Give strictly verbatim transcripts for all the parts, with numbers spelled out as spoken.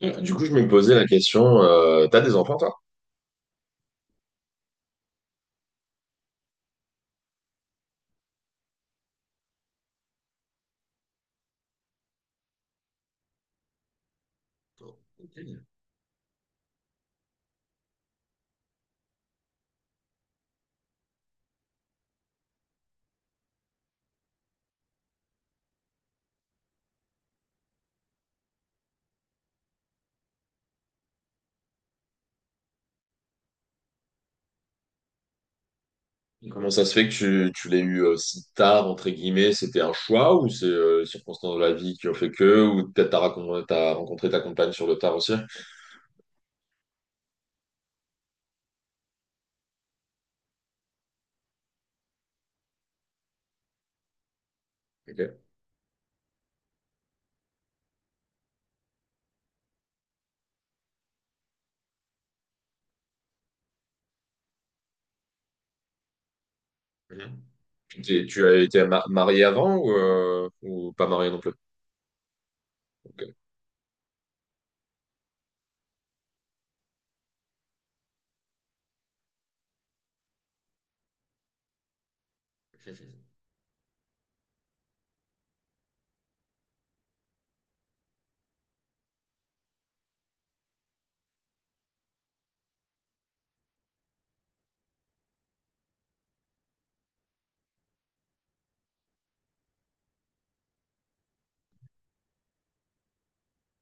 Mm. Du coup, je me posais la question, euh, t'as des enfants, toi? Ok. Comment ça se fait que tu, tu l'aies eu euh, si tard, entre guillemets, c'était un choix ou c'est euh, les circonstances de la vie qui ont fait que, ou peut-être t'as racon- t'as rencontré ta compagne sur le tard aussi? Ok. Mhm. Tu t'es- tu as été ma- marié avant ou, euh, ou pas marié non plus? Ok.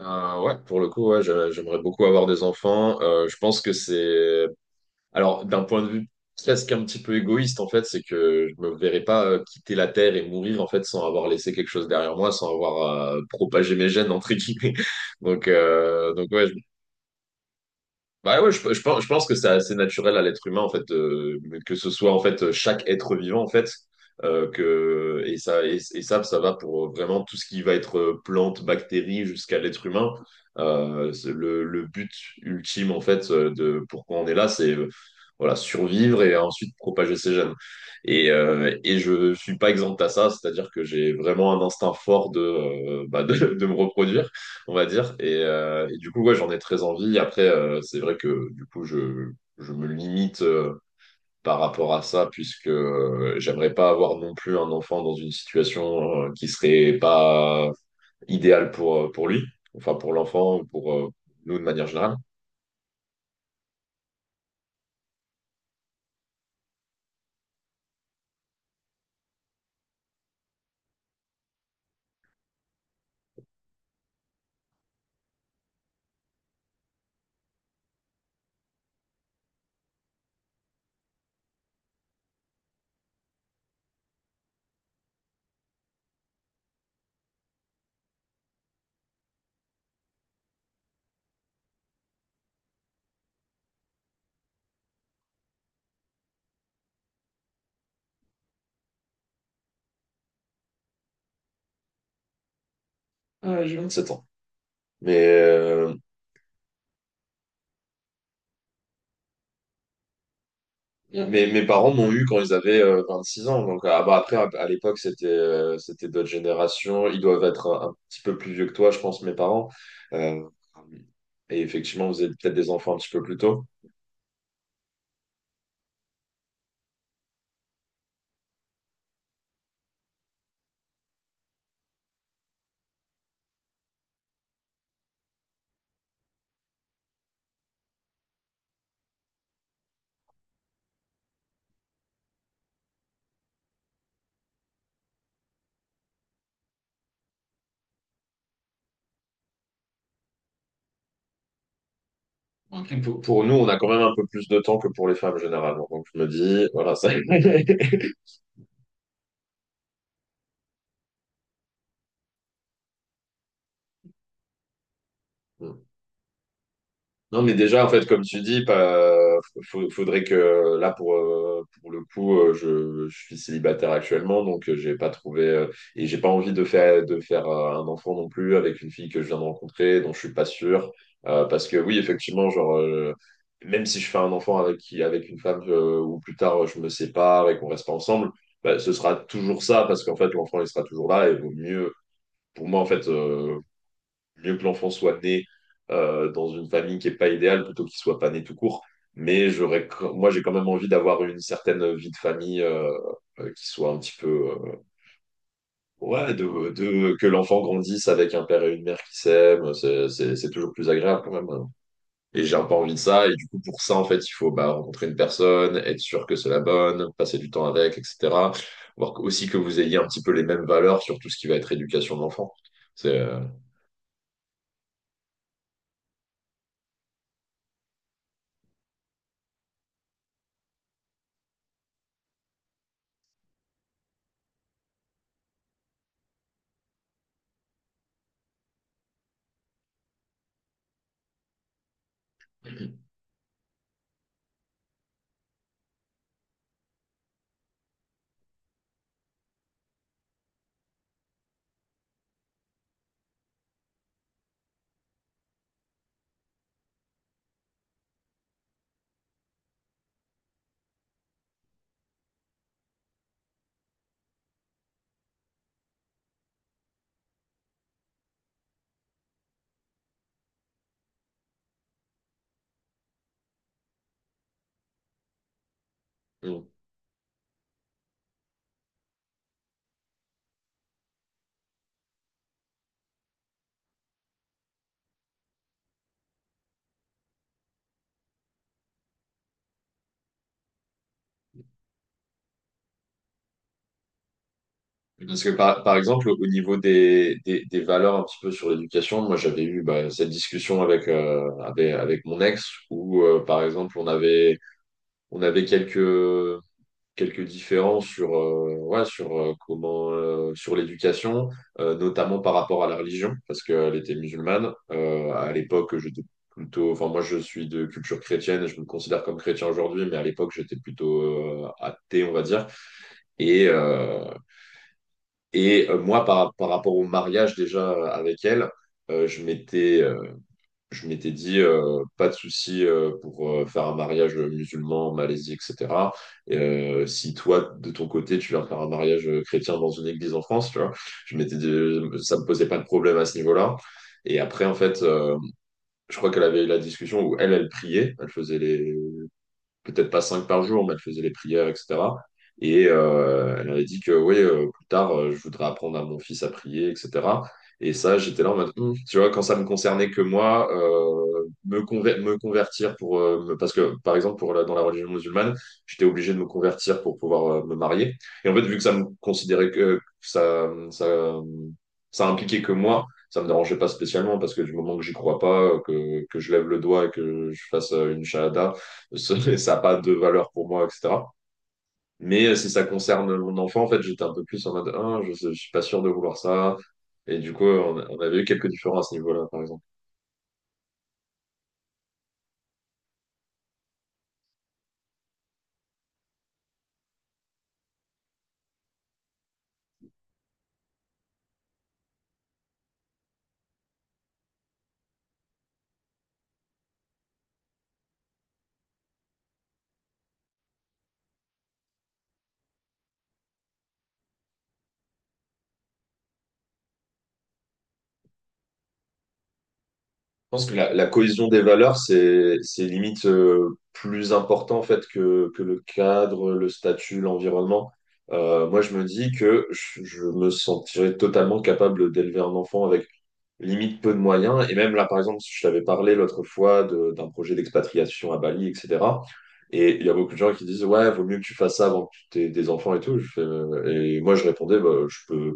Euh, ouais, pour le coup, ouais, j'a- j'aimerais beaucoup avoir des enfants. Euh, je pense que c'est. Alors, d'un point de vue presque un petit peu égoïste, en fait, c'est que je me verrais pas euh, quitter la Terre et mourir, en fait, sans avoir laissé quelque chose derrière moi, sans avoir euh, propagé mes gènes, entre guillemets. Donc, euh, donc ouais, bah ouais, je, je pense, je pense que c'est assez naturel à l'être humain, en fait, de- que ce soit, en fait, chaque être vivant, en fait, euh, que, et ça, et, et ça, ça va pour vraiment tout ce qui va être euh, plante, bactérie, jusqu'à l'être humain. Euh, c'est le, le but ultime, en fait, euh, de pourquoi on est là, c'est, euh, voilà, survivre et ensuite propager ses gènes. Et, euh, et je suis pas exempt à ça, c'est-à-dire que j'ai vraiment un instinct fort de, euh, bah, de, de me reproduire on va dire. Et, euh, et du coup, ouais, j'en ai très envie. Après, euh, c'est vrai que du coup, je, je me limite euh, par rapport à ça, puisque euh, j'aimerais pas avoir non plus un enfant dans une situation euh, qui serait pas idéale pour, euh, pour lui, enfin pour l'enfant, ou pour euh, nous de manière générale. Euh, j'ai vingt-sept ans. Mais, euh, Mm. Mes, mes parents m'ont eu quand ils avaient euh, six ans. Donc, ah bah, après, à, à l'époque, c'était euh, c'était d'autres générations. Ils doivent être un, un petit peu plus vieux que toi, je pense, mes parents. Euh, et effectivement, vous êtes peut-être des enfants un petit peu plus tôt. Ok. Pour, pour nous, on a quand même un peu plus de temps que pour les femmes généralement. Donc, je me dis, voilà, ça. Mm. Non, mais déjà, en fait, comme tu dis, pas, faut- faudrait que là, pour, euh, pour le coup, euh, je, je suis célibataire actuellement, donc euh, j'ai pas trouvé euh, et j'ai pas envie de faire, de faire euh, un enfant non plus avec une fille que je viens de rencontrer, dont je suis pas sûr. Euh, parce que oui, effectivement, genre, euh, même si je fais un enfant avec qui, avec une femme euh, ou plus tard euh, je me sépare et qu'on reste pas ensemble, bah, ce sera toujours ça parce qu'en fait, l'enfant il sera toujours là et vaut mieux. Pour moi, en fait, euh, mieux que l'enfant soit né euh, dans une famille qui n'est pas idéale plutôt qu'il soit pas né tout court. Mais j'aurais, moi, j'ai quand même envie d'avoir une certaine vie de famille euh, euh, qui soit un petit peu, euh, ouais, de, de- que l'enfant grandisse avec un père et une mère qui s'aiment. C'est c'est- c'est toujours plus agréable quand même, hein. Et j'ai un peu envie de ça. Et du coup, pour ça, en fait, il faut bah, rencontrer une personne, être sûr que c'est la bonne, passer du temps avec, et cetera. Voir aussi que vous ayez un petit peu les mêmes valeurs sur tout ce qui va être éducation de l'enfant. C'est. Euh, Parce que par, par exemple, au niveau des, des, des valeurs un petit peu sur l'éducation, moi j'avais eu bah, cette discussion avec, euh, avec, avec mon ex où euh, par exemple on avait, on avait quelques, quelques différences sur, euh, ouais, sur, euh, comment, euh, sur l'éducation, euh, notamment par rapport à la religion, parce qu'elle était musulmane. Euh, à l'époque, j'étais plutôt, enfin moi je suis de culture chrétienne et je me considère comme chrétien aujourd'hui, mais à l'époque j'étais plutôt euh, athée, on va dire. Et, euh, et euh, Moi, par, par rapport au mariage déjà euh, avec elle, euh, je m'étais euh, je m'étais dit euh, pas de souci euh, pour euh, faire un mariage musulman en Malaisie, et cetera. Et, euh, si toi, de ton côté, tu veux faire un mariage euh, chrétien dans une église en France, tu vois, je m'étais dit, euh, ça me posait pas de problème à ce niveau-là. Et après, en fait, euh, je crois qu'elle avait eu la discussion où elle, elle priait, elle faisait les, peut-être pas cinq par jour, mais elle faisait les prières, et cetera. Et euh, elle avait dit que oui, euh, plus tard, euh, je voudrais apprendre à mon fils à prier, et cetera. Et ça, j'étais là en mode, Hum, tu vois, quand ça me concernait que moi, euh, me, conver- me convertir pour, euh, me- parce que par exemple, pour la- dans la religion musulmane, j'étais obligé de me convertir pour pouvoir euh, me marier. Et en fait, vu que ça me considérait que ça, ça, ça impliquait que moi, ça me dérangeait pas spécialement parce que du moment que j'y crois pas, euh, que, que je lève le doigt et que je fasse euh, une shahada, ça n'a pas de valeur pour moi, et cetera. Mais euh, si ça concerne mon enfant, en fait, j'étais un peu plus en mode, ah, je, je suis pas sûr de vouloir ça. Et du coup, on, on avait eu quelques différences à ce niveau-là, par exemple. Je pense que la, la cohésion des valeurs, c'est, c'est limite euh, plus important en fait que, que le cadre, le statut, l'environnement. Euh, moi, je, me dis que je, je me sentirais totalement capable d'élever un enfant avec limite peu de moyens. Et même là, par exemple, je t'avais parlé l'autre fois de- d'un projet d'expatriation à Bali, et cetera. Et il y a beaucoup de gens qui disent, ouais, vaut mieux que tu fasses ça avant que tu aies des enfants et tout. Je fais, euh, Et moi, je répondais, bah, je peux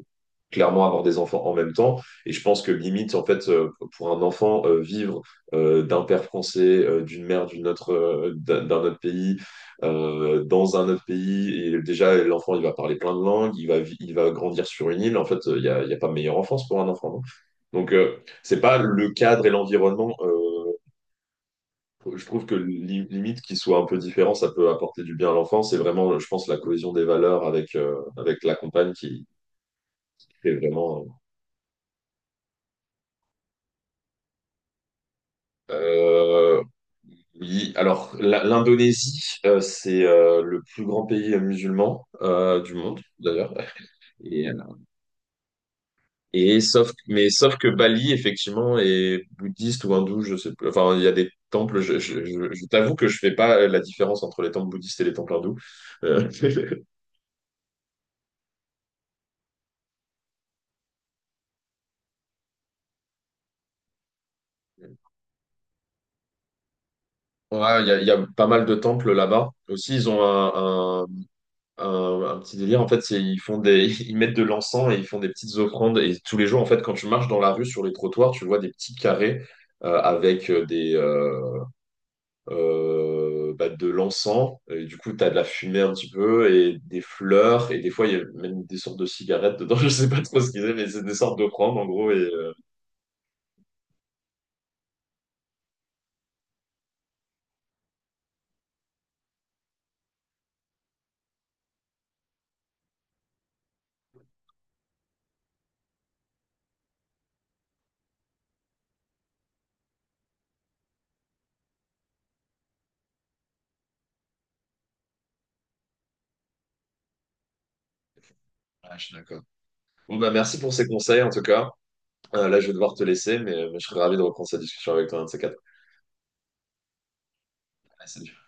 clairement avoir des enfants en même temps. Et je pense que limite, en fait, euh, pour un enfant, euh, vivre euh, d'un père français, euh, d'une mère d'une autre, euh, d'un d'un autre pays, euh, dans un autre pays, et déjà, l'enfant, il va parler plein de langues, il va, vi- il va grandir sur une île. En fait, euh, il n'y a, il y a pas meilleure enfance pour un enfant, donc, euh, c'est pas le cadre et l'environnement. euh, je trouve que li- limite qu'il soit un peu différent, ça peut apporter du bien à l'enfant. C'est vraiment, je pense, la cohésion des valeurs avec, euh, avec la compagne qui est vraiment. euh, euh, oui, alors la- l'Indonésie, euh, c'est euh, le plus grand pays musulman euh, du monde, d'ailleurs. Et euh, Et sauf, mais sauf que Bali, effectivement, est bouddhiste ou hindou, je sais plus. Enfin, il y a des temples, je, je, je- je t'avoue que je fais pas la différence entre les temples bouddhistes et les temples hindous. Euh, ouais, il y a, il y a pas mal de temples là-bas. Aussi, ils ont un, un, un, un petit délire. En fait, c'est- ils font des, ils mettent de l'encens et ils font des petites offrandes. Et tous les jours, en fait, quand tu marches dans la rue, sur les trottoirs, tu vois des petits carrés euh, avec euh, des, euh, euh, bah, de l'encens. Et du coup, tu as de la fumée un petit peu et des fleurs. Et des fois, il y a même des sortes de cigarettes dedans. Je sais pas trop ce qu'ils aiment, mais c'est des sortes d'offrandes en gros. Et, euh, ah, je suis d'accord. Bon, bah, merci pour ces conseils en tout cas. Euh, là, je vais devoir te laisser, mais, mais je serais ravi de reprendre cette discussion avec toi un de ces quatre. Ah, salut.